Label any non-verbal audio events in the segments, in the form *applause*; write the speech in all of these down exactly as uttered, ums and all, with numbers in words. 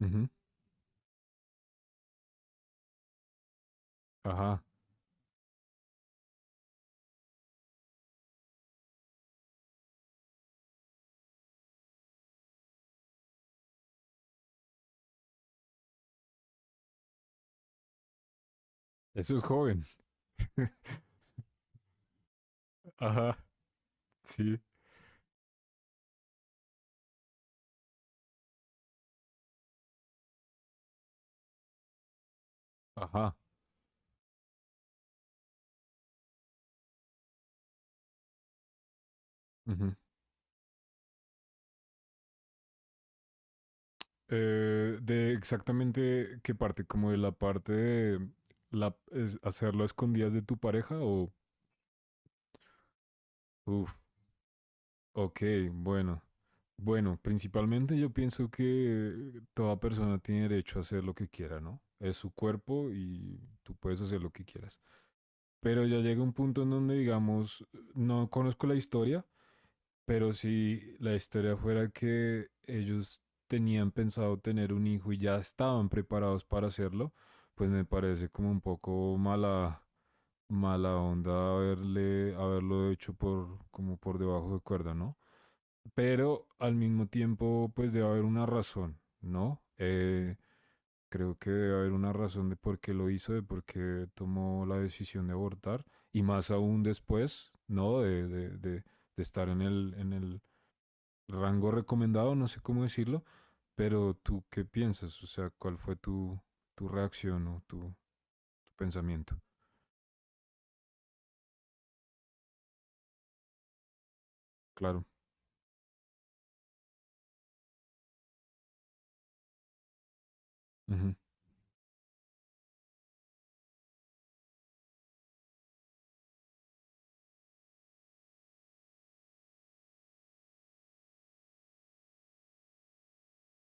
Ujú. Ajá. Eso es joven. *laughs* Ajá. Sí. Ajá. Ujú. Eh, de exactamente qué parte, como de la parte de la, es- hacerlo a escondidas de tu pareja o... Uf, ok, bueno. Bueno, principalmente yo pienso que toda persona tiene derecho a hacer lo que quiera, ¿no? Es su cuerpo y tú puedes hacer lo que quieras. Pero ya llega un punto en donde, digamos, no conozco la historia, pero si la historia fuera que ellos tenían pensado tener un hijo y ya estaban preparados para hacerlo, pues me parece como un poco mala, mala onda haberle, haberlo hecho por, como por debajo de cuerda, ¿no? Pero al mismo tiempo, pues debe haber una razón, ¿no? Eh, creo que debe haber una razón de por qué lo hizo, de por qué tomó la decisión de abortar, y más aún después, ¿no? De, de, de, de estar en el, en el rango recomendado, no sé cómo decirlo, pero tú qué piensas, o sea, cuál fue tu, tu reacción o tu, tu pensamiento. Claro, ujú,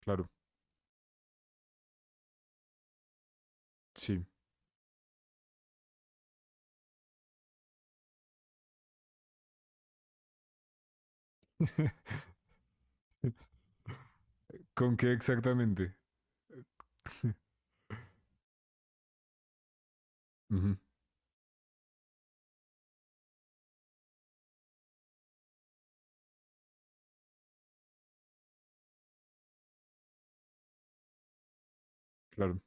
claro, sí. *laughs* ¿Con qué exactamente? *laughs* Ujú, claro.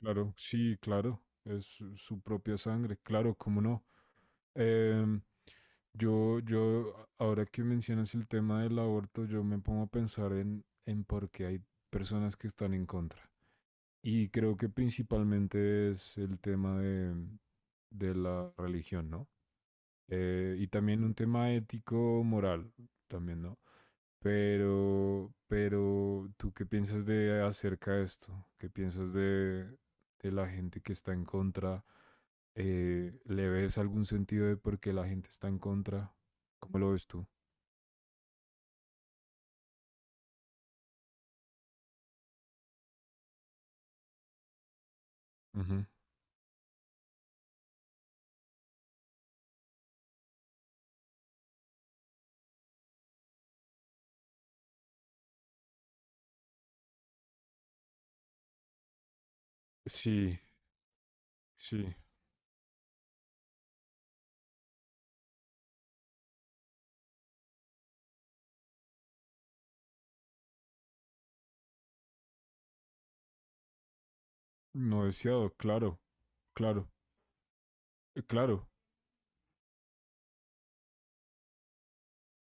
Claro, sí, claro, es su su propia sangre, claro, cómo no. Em, yo, yo, a- ahora que mencionas el tema del aborto, yo me pongo a pensar en, en por qué hay personas que están en contra. Y creo que principalmente es el tema de, de la religión, ¿no? Eh, y también un tema ético, moral, también, ¿no? Pero, pero, ¿tú qué piensas de acerca de esto? ¿Qué piensas de, de la gente que está en contra? Eh, ¿le ves algún sentido de por qué la gente está en contra? ¿Cómo lo ves tú? Ujú. Sí, sí, no deseado, claro, claro, eh, claro.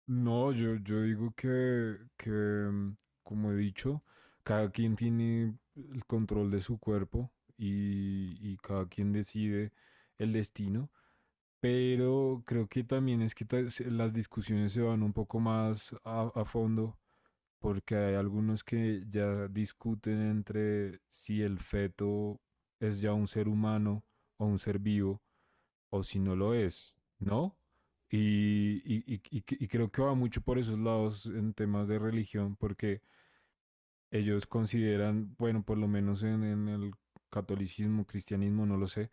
No, yo, yo digo que, que, mm, como he dicho, cada quien tiene el control de su cuerpo y, y cada quien decide el destino. Pero creo que también es que ta- se- las discusiones se van un poco más a, a fondo, porque hay algunos que ya discuten entre si el feto es ya un ser humano o un ser vivo, o si no lo es, ¿no? Y, y- y- y- y creo que va mucho por esos lados en temas de religión, porque ellos consideran, bueno, por lo menos en, en el catolicismo, cristianismo, no lo sé,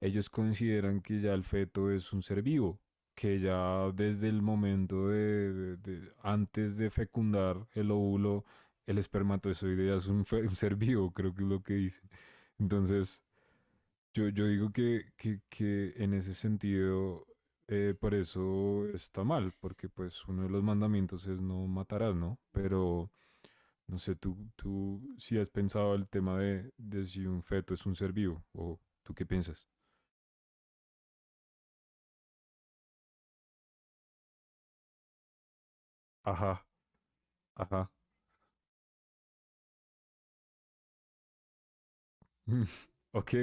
ellos consideran que ya el feto es un ser vivo, que ya desde el momento de, de- de- antes de fecundar el óvulo, el espermatozoide ya es un, fe- *laughs* un ser vivo, creo que es lo que dicen. Entonces, yo, yo digo que, que, que en ese sentido, eh, por eso está mal, porque pues uno de los mandamientos es no matarás, ¿no? Pero no sé, tú, tú si has pensado el tema de, de si un feto es un ser vivo, o tú qué piensas. Ajá, ajá. *laughs* Mm, Ok.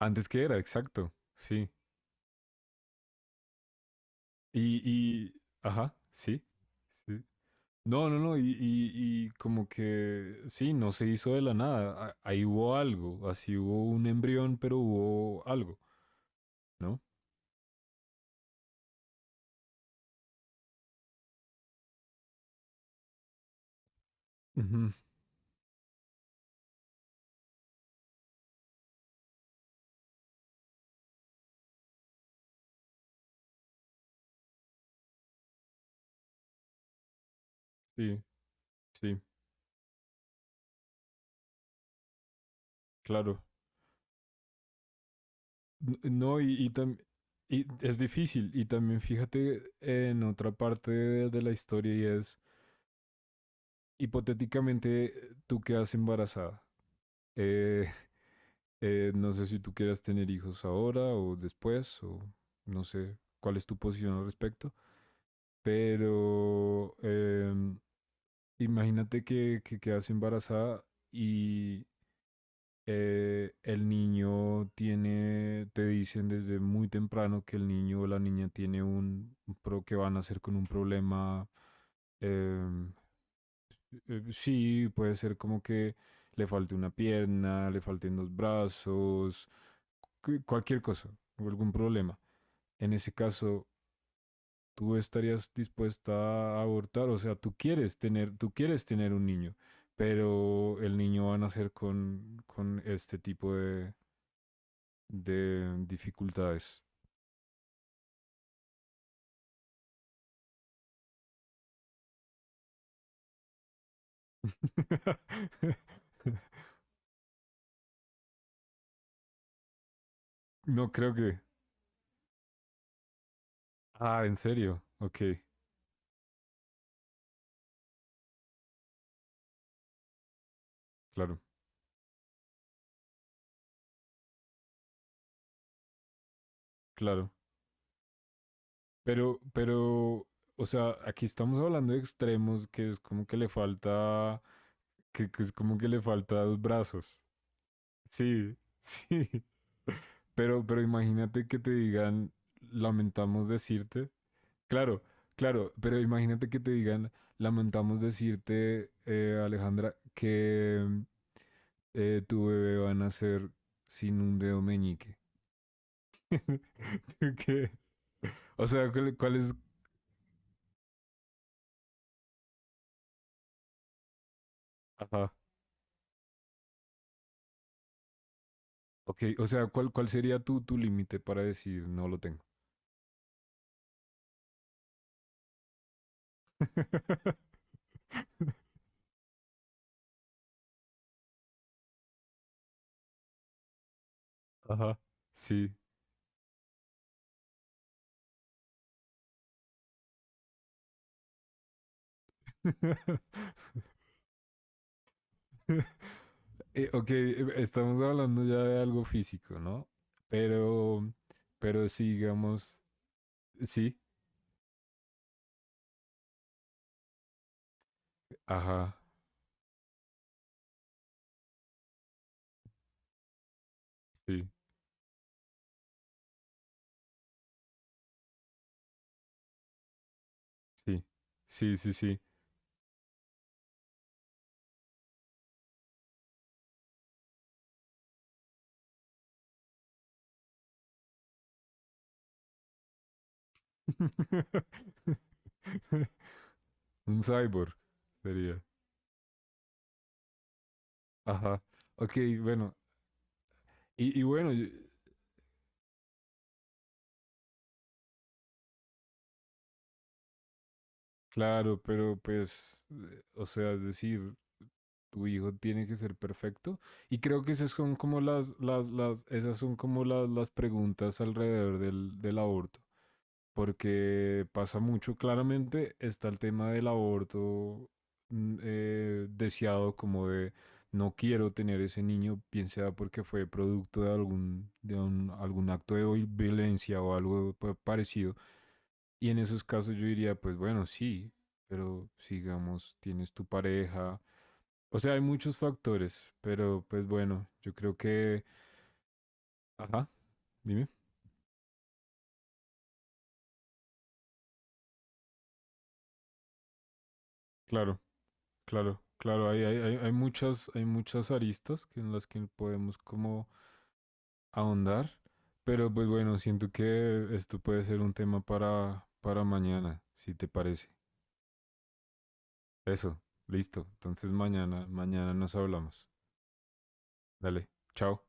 Antes que era, exacto. Sí. Y, y, ajá, sí. Sí. No, no, no. Y, y, y como que, sí, no se hizo de la nada. a- Ahí hubo algo. Así hubo un embrión, pero hubo algo, ¿no? Ujú, sí, sí, claro. N- No, y, y, tam- y es difícil. Y también fíjate en otra parte de, de la historia y es, hipotéticamente, eh, tú quedas embarazada. Eh, *laughs* eh, no sé si tú quieras tener hijos ahora o después, o no sé cuál es tu posición al respecto, pero em, imagínate que, que quedas embarazada y eh, el niño tiene, te dicen desde muy temprano que el niño o la niña tiene un, pro que van a hacer con un problema. eh, eh, sí, puede ser como que le falte una pierna, le falten dos brazos, cu- cualquier cosa, o algún problema. En ese caso, tú estarías dispuesta a abortar, o sea, tú quieres tener, tú quieres tener un niño, pero el niño va a nacer con, con este tipo de, de dificultades. *laughs* No creo que. Ah, ¿en serio? Ok, claro, claro. Pero, pero, o sea, aquí estamos hablando de extremos que es como que le falta. Que, que es como que le falta dos brazos. Sí, *laughs* sí. Pero, pero imagínate que te digan, lamentamos decirte. Claro, claro, pero imagínate que te digan, lamentamos decirte, eh, Alejandra, que eh, tu bebé va a nacer sin un dedo meñique. *laughs* ¿Qué? O sea, ¿cuál, cuál es? Ajá. Ok, o sea, ¿cuál, cuál sería tu, tu límite para decir no lo tengo? *laughs* Ajá, sí. *laughs* Eh, ok, e, estamos hablando ya de algo físico, ¿no? Pero, pero sí, digamos, sí, ajá, sí, sí, sí, sí, sí. *laughs* Un cyborg sería. Ajá. Ok, bueno. Y, y bueno, yo- claro, pero pues, eh, o sea, es decir, tu hijo tiene que ser perfecto. Y creo que esas son como las, las, las, esas son como las, las preguntas alrededor del, del aborto. Porque pasa mucho. Claramente está el tema del aborto mm, eh, deseado, como de no quiero tener ese niño, bien sea porque fue producto de algún, de un- algún acto de vi- violencia o algo pa- parecido. Y en esos casos yo diría, pues bueno, sí, pero sigamos, tienes tu pareja. O sea, hay muchos factores, pero pues bueno, yo creo que... Ajá, dime. Claro. Claro, claro, hay, hay, hay, hay muchas, hay muchas aristas que en las que podemos como ahondar, pero pues bueno, siento que esto puede ser un tema para, para mañana, si te parece. Eso, listo. Entonces mañana, mañana nos hablamos. Dale, chao.